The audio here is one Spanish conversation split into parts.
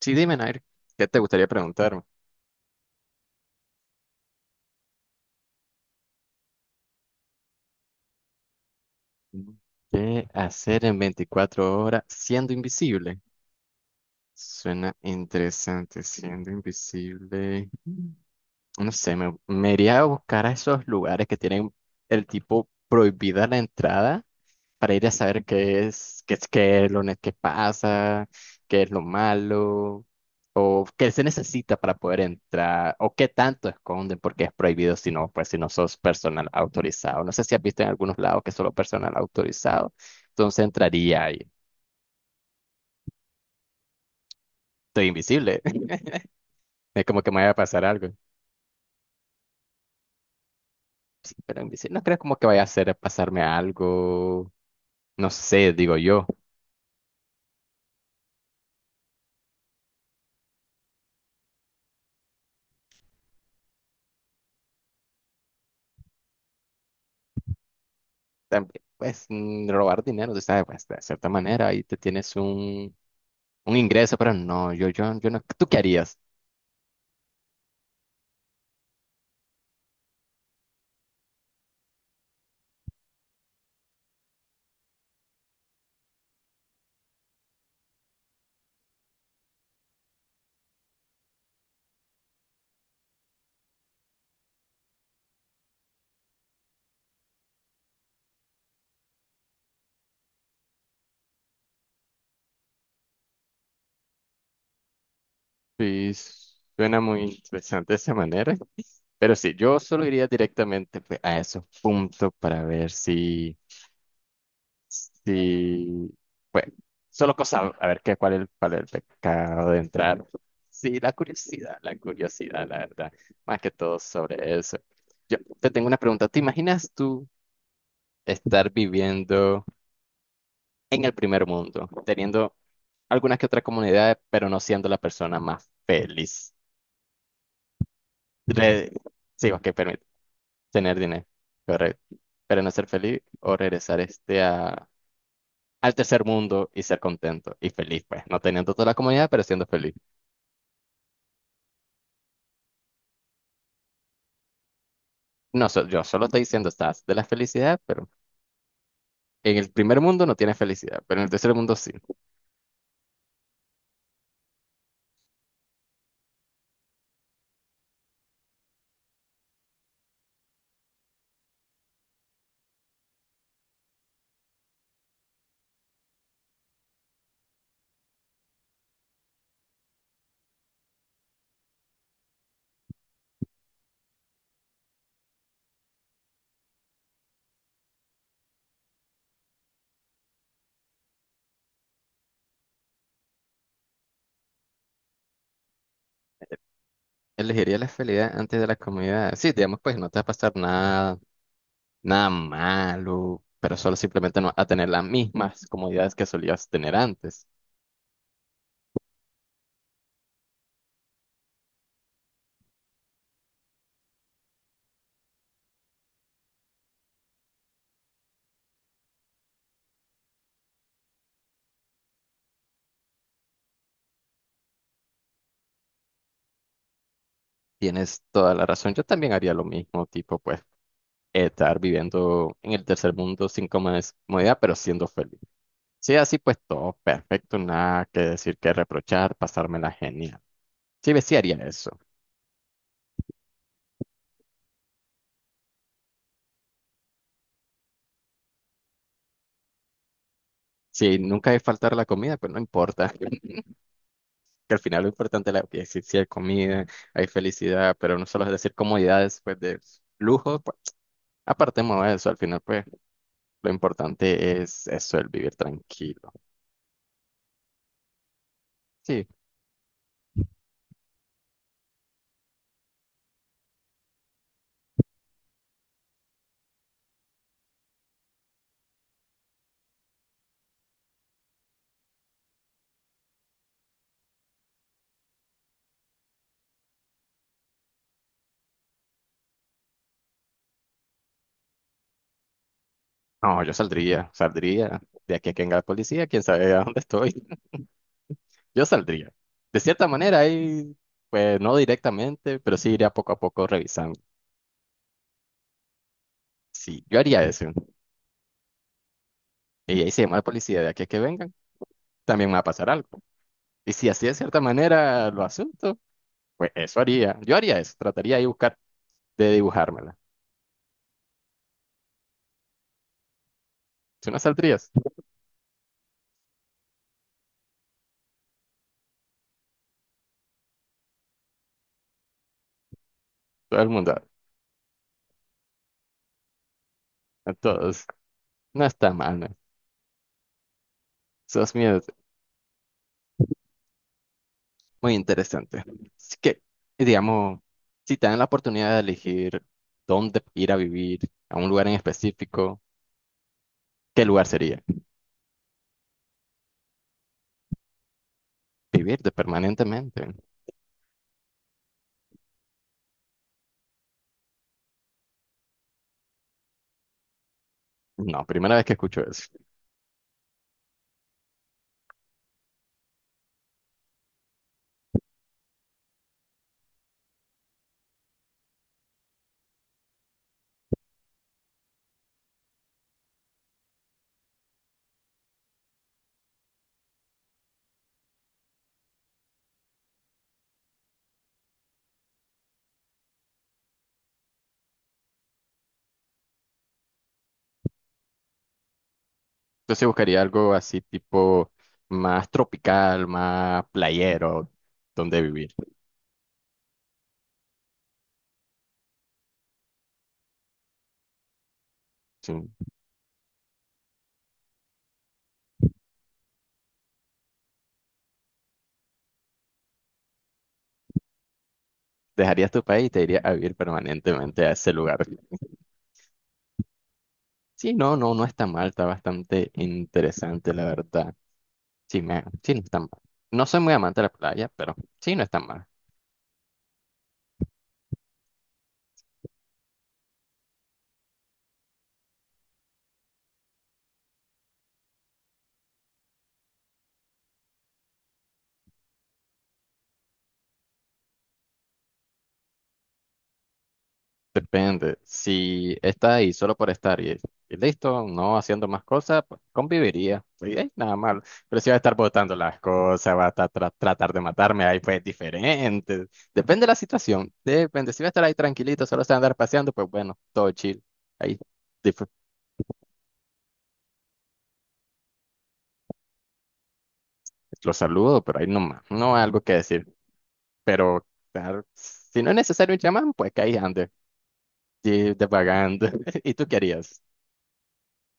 Sí, dime, Nair, ¿qué te gustaría preguntarme? ¿Qué hacer en 24 horas siendo invisible? Suena interesante, siendo invisible. No sé, me iría a buscar a esos lugares que tienen el tipo prohibida la entrada para ir a saber qué es, qué es lo qué pasa, qué es lo malo. Qué se necesita para poder entrar o qué tanto esconden porque es prohibido si no, pues si no sos personal autorizado. No sé si has visto en algunos lados que solo personal autorizado. Entonces entraría y estoy invisible. Es como que me vaya a pasar algo. Sí, pero invisible. No creo como que vaya a hacer pasarme algo. No sé, digo yo. También, pues robar dinero, tú sabes, pues de cierta manera ahí te tienes un ingreso, pero no, yo no. ¿Tú qué harías? Sí, suena muy interesante de esa manera. Pero sí, yo solo iría directamente pues, a esos puntos para ver si, si, pues, solo cosa, a ver qué, cuál es, cuál es el pecado de entrar. Sí, la curiosidad, la curiosidad, la verdad, más que todo sobre eso. Yo te tengo una pregunta, ¿te imaginas tú estar viviendo en el primer mundo, teniendo algunas que otras comunidades, pero no siendo la persona más feliz? Re- Sí, ok, permíteme. Tener dinero, correcto. Pero no ser feliz o regresar este a, al tercer mundo y ser contento y feliz, pues. No teniendo toda la comodidad, pero siendo feliz. No, yo solo estoy diciendo, estás de la felicidad, pero en el primer mundo no tienes felicidad, pero en el tercer mundo sí. Elegiría la felicidad antes de la comodidad. Sí, digamos, pues no te va a pasar nada, nada malo, pero solo simplemente no vas a tener las mismas comodidades que solías tener antes. Tienes toda la razón. Yo también haría lo mismo, tipo, pues. Estar viviendo en el tercer mundo sin comodidad, pero siendo feliz. Sí, así pues todo perfecto, nada que decir, que reprochar, pasármela genial. Sí, ve, sí haría eso. Si nunca hay faltar la comida, pues no importa. Que al final lo importante es la que sí, sí hay comida, hay felicidad, pero no solo es decir comodidades, pues de lujo, pues apartemos de eso. Al final, pues lo importante es eso, el vivir tranquilo. Sí, no, saldría de aquí a que venga la policía, quién sabe a dónde estoy. Yo saldría. De cierta manera, ahí, pues no directamente, pero sí iría poco a poco revisando. Sí, yo haría eso. Y ahí se llama a la policía de aquí a que vengan, también me va a pasar algo. Y si así de cierta manera lo asunto, pues eso haría. Yo haría eso, trataría de buscar, de dibujármela. Si no saldrías, todo el mundo, a todos. No está mal, ¿no? Esos miedos, muy interesante. Así que, digamos, si te dan la oportunidad de elegir dónde ir a vivir, a un lugar en específico, ¿qué lugar sería? Vivir de permanentemente. No, primera vez que escucho eso. Entonces sí buscaría algo así tipo más tropical, más playero, donde vivir. Sí. Dejarías tu país y te irías a vivir permanentemente a ese lugar. Sí, no, no, no está mal, está bastante interesante, la verdad. Sí, me, sí, no está mal. No soy muy amante de la playa, pero sí, no está mal. Depende. Si está ahí solo por estar y listo, no haciendo más cosas, pues, conviviría. Y, nada mal. Pero si va a estar botando las cosas, va a estar tratar de matarme, ahí pues diferente. Depende de la situación. Depende. Si va a estar ahí tranquilito, solo se va a andar paseando, pues bueno, todo chill. Ahí dif- lo saludo, pero ahí no más. No hay algo que decir. Pero claro, si no es necesario un chamán, pues que ahí ande, y divagando. ¿Y tú querías?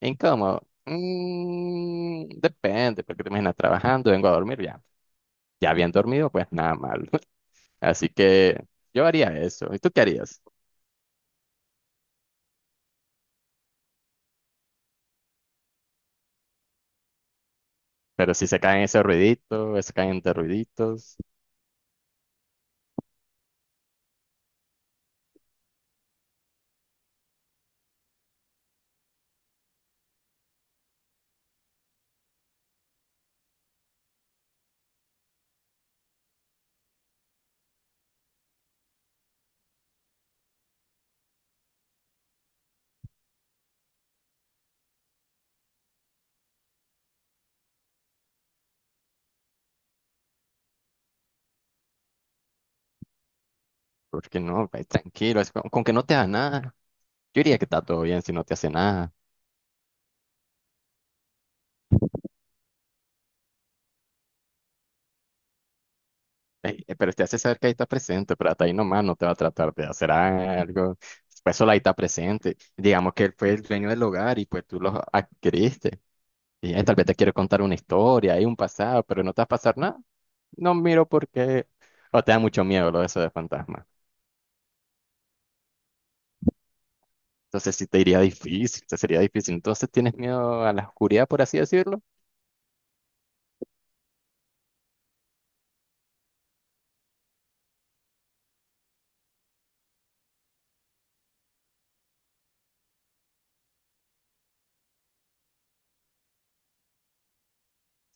Incómodo. Mm, depende, porque te imaginas trabajando, vengo a dormir, ya. Ya bien dormido, pues nada mal. Así que yo haría eso. ¿Y tú qué harías? Pero si se caen ese ruidito, se caen de ruiditos, porque no. Pues, tranquilo, es con que no te haga nada. Yo diría que está todo bien si no te hace nada. Ey, pero te hace saber que ahí está presente, pero hasta ahí nomás no te va a tratar de hacer algo. Pues solo ahí está presente. Digamos que él fue el dueño del hogar y pues tú lo adquiriste. Y tal vez te quiero contar una historia y un pasado, pero no te va a pasar nada. No miro porque... O te da mucho miedo lo de eso de fantasma. Entonces sí te iría difícil, te sería difícil. Entonces tienes miedo a la oscuridad, por así decirlo.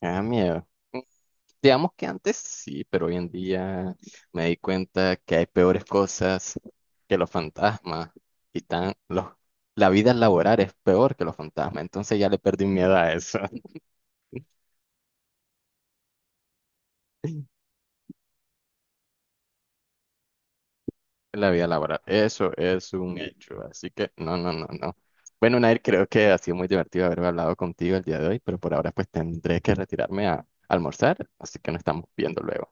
Ah, miedo. Mm, digamos que antes sí, pero hoy en día me di cuenta que hay peores cosas que los fantasmas. Y tan, los, la vida laboral es peor que los fantasmas. Entonces ya le perdí miedo a eso. La vida laboral, eso es un sí. Hecho, así que no, no, no, no. Bueno, Nair, creo que ha sido muy divertido haber hablado contigo el día de hoy, pero por ahora pues tendré que retirarme a almorzar, así que nos estamos viendo luego.